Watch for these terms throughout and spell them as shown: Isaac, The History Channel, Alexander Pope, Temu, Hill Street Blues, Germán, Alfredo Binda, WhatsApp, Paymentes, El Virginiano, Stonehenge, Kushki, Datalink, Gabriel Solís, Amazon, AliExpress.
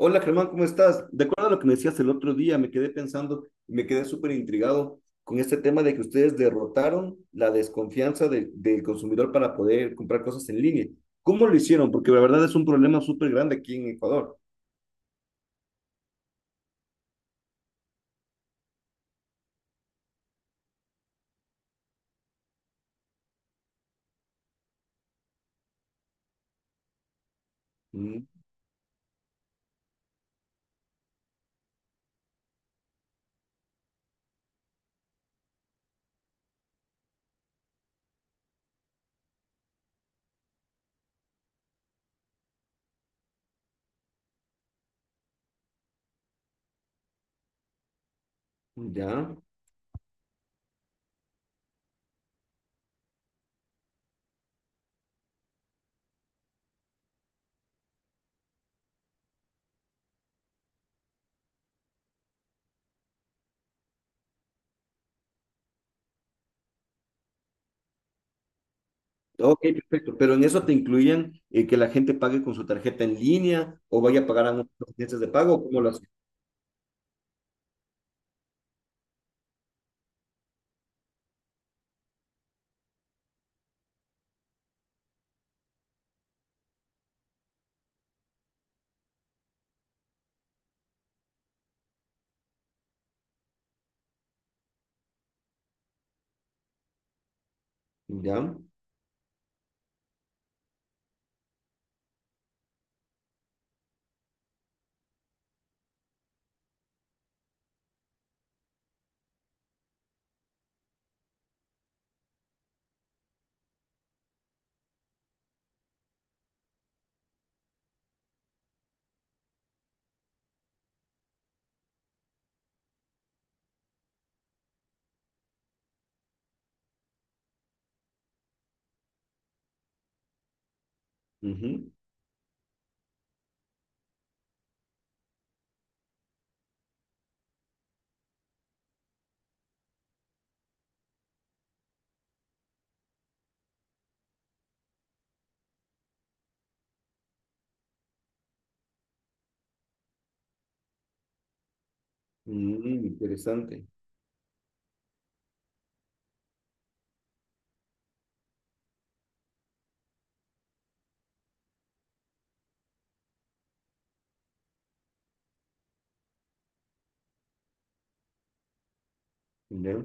Hola Germán, ¿cómo estás? De acuerdo a lo que me decías el otro día, me quedé pensando, me quedé súper intrigado con este tema de que ustedes derrotaron la desconfianza del consumidor para poder comprar cosas en línea. ¿Cómo lo hicieron? Porque la verdad es un problema súper grande aquí en Ecuador. Mm, ya. Ok, perfecto. Pero en eso te incluían que la gente pague con su tarjeta en línea o vaya a pagar a unas agencias de pago, ¿cómo lo hacen? Ya. Ujú. Mm, interesante. Ya.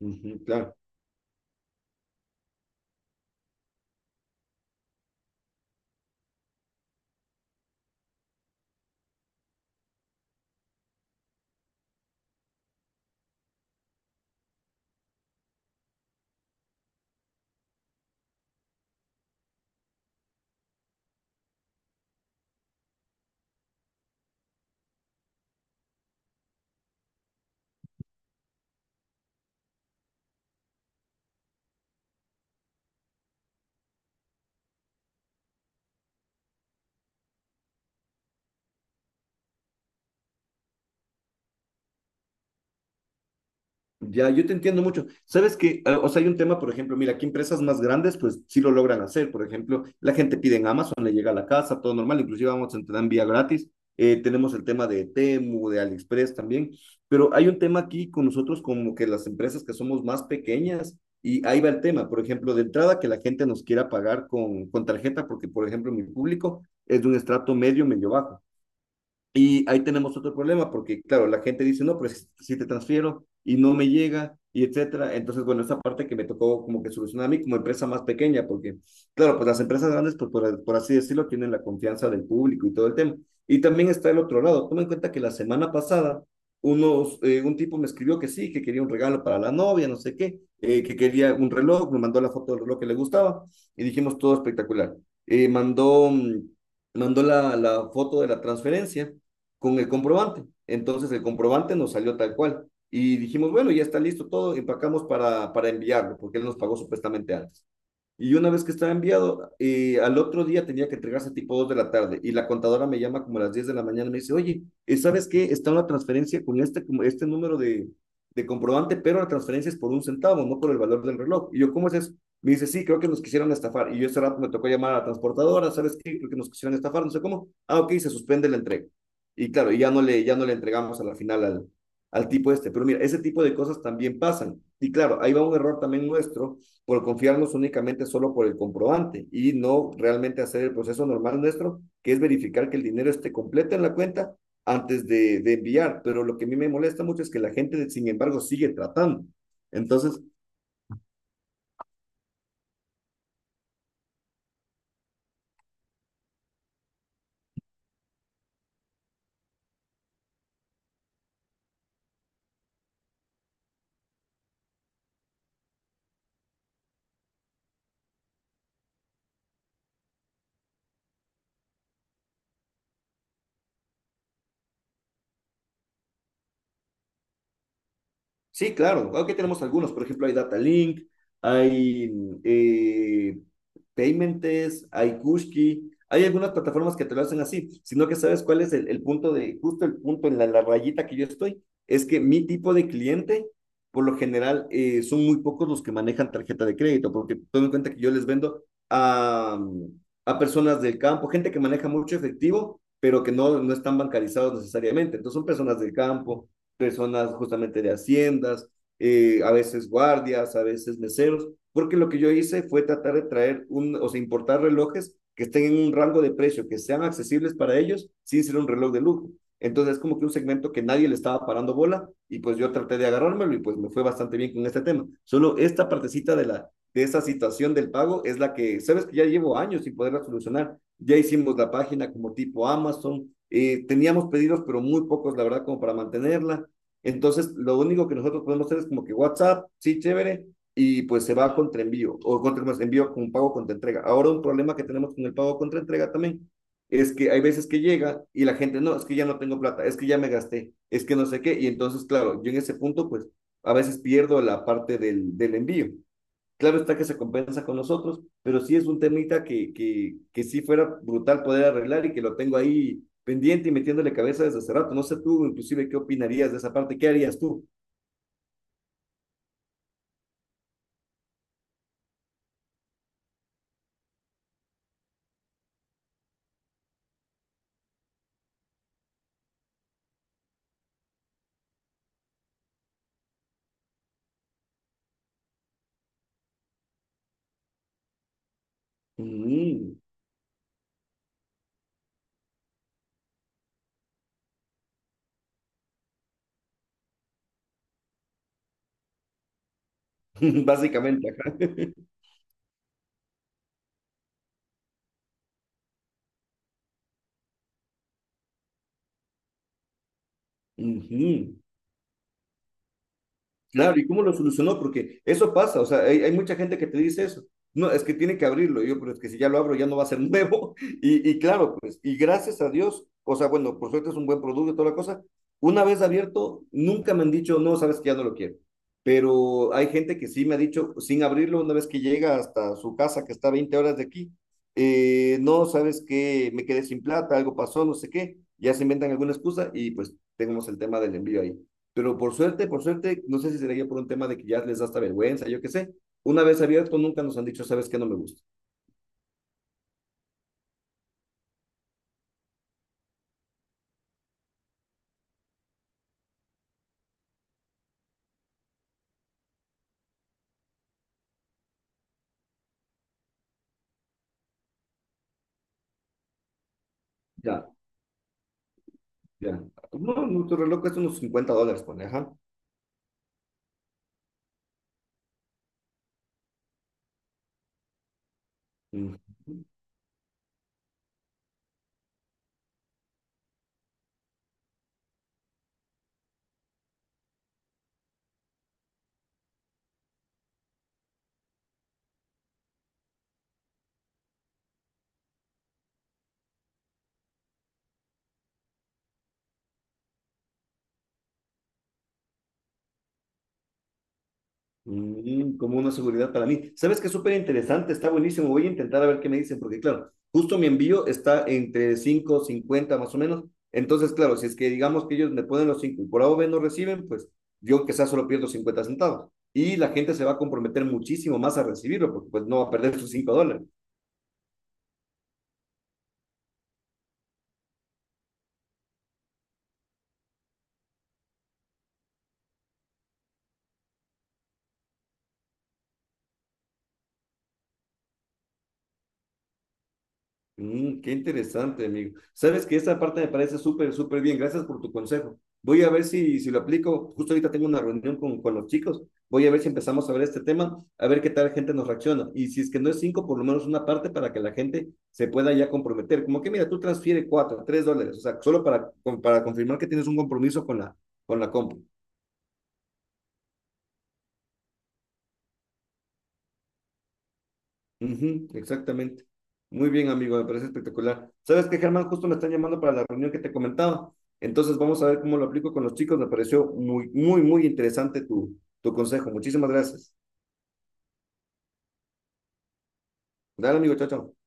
Ujú, claro. Ya, yo te entiendo mucho. Sabes que, o sea, hay un tema, por ejemplo, mira, aquí empresas más grandes, pues sí lo logran hacer. Por ejemplo, la gente pide en Amazon, le llega a la casa, todo normal, inclusive Amazon te da envía gratis. Tenemos el tema de Temu, de AliExpress también, pero hay un tema aquí con nosotros como que las empresas que somos más pequeñas y ahí va el tema, por ejemplo, de entrada que la gente nos quiera pagar con tarjeta, porque por ejemplo mi público es de un estrato medio, medio bajo. Y ahí tenemos otro problema, porque claro, la gente dice, no, pero si, si te transfiero y no me llega, y etcétera. Entonces, bueno, esa parte que me tocó como que solucionar a mí como empresa más pequeña, porque claro, pues las empresas grandes, pues por así decirlo, tienen la confianza del público y todo el tema. Y también está el otro lado. Toma en cuenta que la semana pasada, un tipo me escribió que sí, que quería un regalo para la novia, no sé qué, que quería un reloj, me mandó la foto del reloj que le gustaba y dijimos todo espectacular. Eh, mandó, mm, mandó la foto de la transferencia con el comprobante. Entonces el comprobante nos salió tal cual. Y dijimos, bueno, ya está listo todo, empacamos para enviarlo, porque él nos pagó supuestamente antes. Y una vez que estaba enviado, al otro día tenía que entregarse tipo 2 de la tarde y la contadora me llama como a las 10 de la mañana y me dice, oye, ¿sabes qué? Está una transferencia con este número de comprobante, pero la transferencia es por un centavo, no por el valor del reloj. Y yo, ¿cómo es eso? Me dice, sí, creo que nos quisieron estafar. Y yo ese rato me tocó llamar a la transportadora, ¿sabes qué? Creo que nos quisieron estafar, no sé cómo. Ah, ok, se suspende la entrega. Y claro, y ya no le entregamos a la final al tipo este. Pero mira, ese tipo de cosas también pasan. Y claro, ahí va un error también nuestro por confiarnos únicamente solo por el comprobante y no realmente hacer el proceso normal nuestro, que es verificar que el dinero esté completo en la cuenta antes de enviar. Pero lo que a mí me molesta mucho es que la gente, sin embargo, sigue tratando. Entonces, Sí, claro. Aquí tenemos algunos. Por ejemplo, hay Datalink, hay eh, Paymentes, hay Kushki. Hay algunas plataformas que te lo hacen así, sino que sabes cuál es el punto de, justo el punto en la rayita que yo estoy, es que mi tipo de cliente, por lo general, son muy pocos los que manejan tarjeta de crédito, porque tomen en cuenta que yo les vendo a, a personas del campo, gente que maneja mucho efectivo, pero que no, no están bancarizados necesariamente. Entonces son personas del campo, personas justamente de haciendas, a veces guardias, a veces meseros, porque lo que yo hice fue tratar de traer, o sea, importar relojes que estén en un rango de precio, que sean accesibles para ellos sin ser un reloj de lujo. Entonces es como que un segmento que nadie le estaba parando bola y pues yo traté de agarrármelo y pues me fue bastante bien con este tema. Solo esta partecita de esa situación del pago es la que, sabes que ya llevo años sin poderla solucionar. Ya hicimos la página como tipo Amazon, teníamos pedidos pero muy pocos la verdad como para mantenerla. Entonces, lo único que nosotros podemos hacer es como que WhatsApp, sí, chévere, y pues se va contra envío, o contra más envío con pago contra entrega. Ahora un problema que tenemos con el pago contra entrega también es que hay veces que llega y la gente, no, es que ya no tengo plata, es que ya me gasté, es que no sé qué, y entonces, claro, yo en ese punto, pues a veces pierdo la parte del envío. Claro está que se compensa con nosotros, pero sí es un temita que sí fuera brutal poder arreglar y que lo tengo ahí pendiente y metiéndole cabeza desde hace rato. No sé tú, inclusive, qué opinarías de esa parte, qué harías tú. Mm. Básicamente, ajá. Ujú. Claro, ¿y cómo lo solucionó? Porque eso pasa, o sea, hay mucha gente que te dice eso. No, es que tiene que abrirlo. Y yo, pero es que si ya lo abro ya no va a ser nuevo. Y claro, pues, y gracias a Dios, o sea, bueno, por suerte es un buen producto y toda la cosa. Una vez abierto, nunca me han dicho, no, sabes que ya no lo quiero. Pero hay gente que sí me ha dicho, sin abrirlo, una vez que llega hasta su casa, que está a 20 horas de aquí, no, sabes que me quedé sin plata, algo pasó, no sé qué. Ya se inventan alguna excusa y pues tenemos el tema del envío ahí. Pero por suerte, no sé si sería por un tema de que ya les da hasta vergüenza, yo qué sé. Una vez abierto, nunca nos han dicho, ¿sabes qué? No me gusta. Ya, ya. No, nuestro reloj cuesta unos $50, pone, ajá. Mm. Como una seguridad para mí. ¿Sabes que es súper interesante? Está buenísimo. Voy a intentar a ver qué me dicen, porque claro, justo mi envío está entre 5 50 más o menos. Entonces, claro, si es que digamos que ellos me ponen los 5 y por A o B no reciben, pues yo quizás solo pierdo 50 centavos. Y la gente se va a comprometer muchísimo más a recibirlo, porque pues no va a perder sus $5. Qué interesante, amigo. Sabes que esa parte me parece súper, súper bien. Gracias por tu consejo. Voy a ver si, si lo aplico. Justo ahorita tengo una reunión con los chicos. Voy a ver si empezamos a ver este tema, a ver qué tal gente nos reacciona. Y si es que no es cinco, por lo menos una parte para que la gente se pueda ya comprometer. Como que, mira, tú transfiere cuatro, tres dólares. O sea, solo para confirmar que tienes un compromiso con la compra. Ujú, exactamente. Muy bien, amigo, me parece espectacular. ¿Sabes qué, Germán? Justo me están llamando para la reunión que te comentaba. Entonces vamos a ver cómo lo aplico con los chicos. Me pareció muy, muy, muy interesante tu, tu consejo. Muchísimas gracias. Dale, amigo, chao, chao.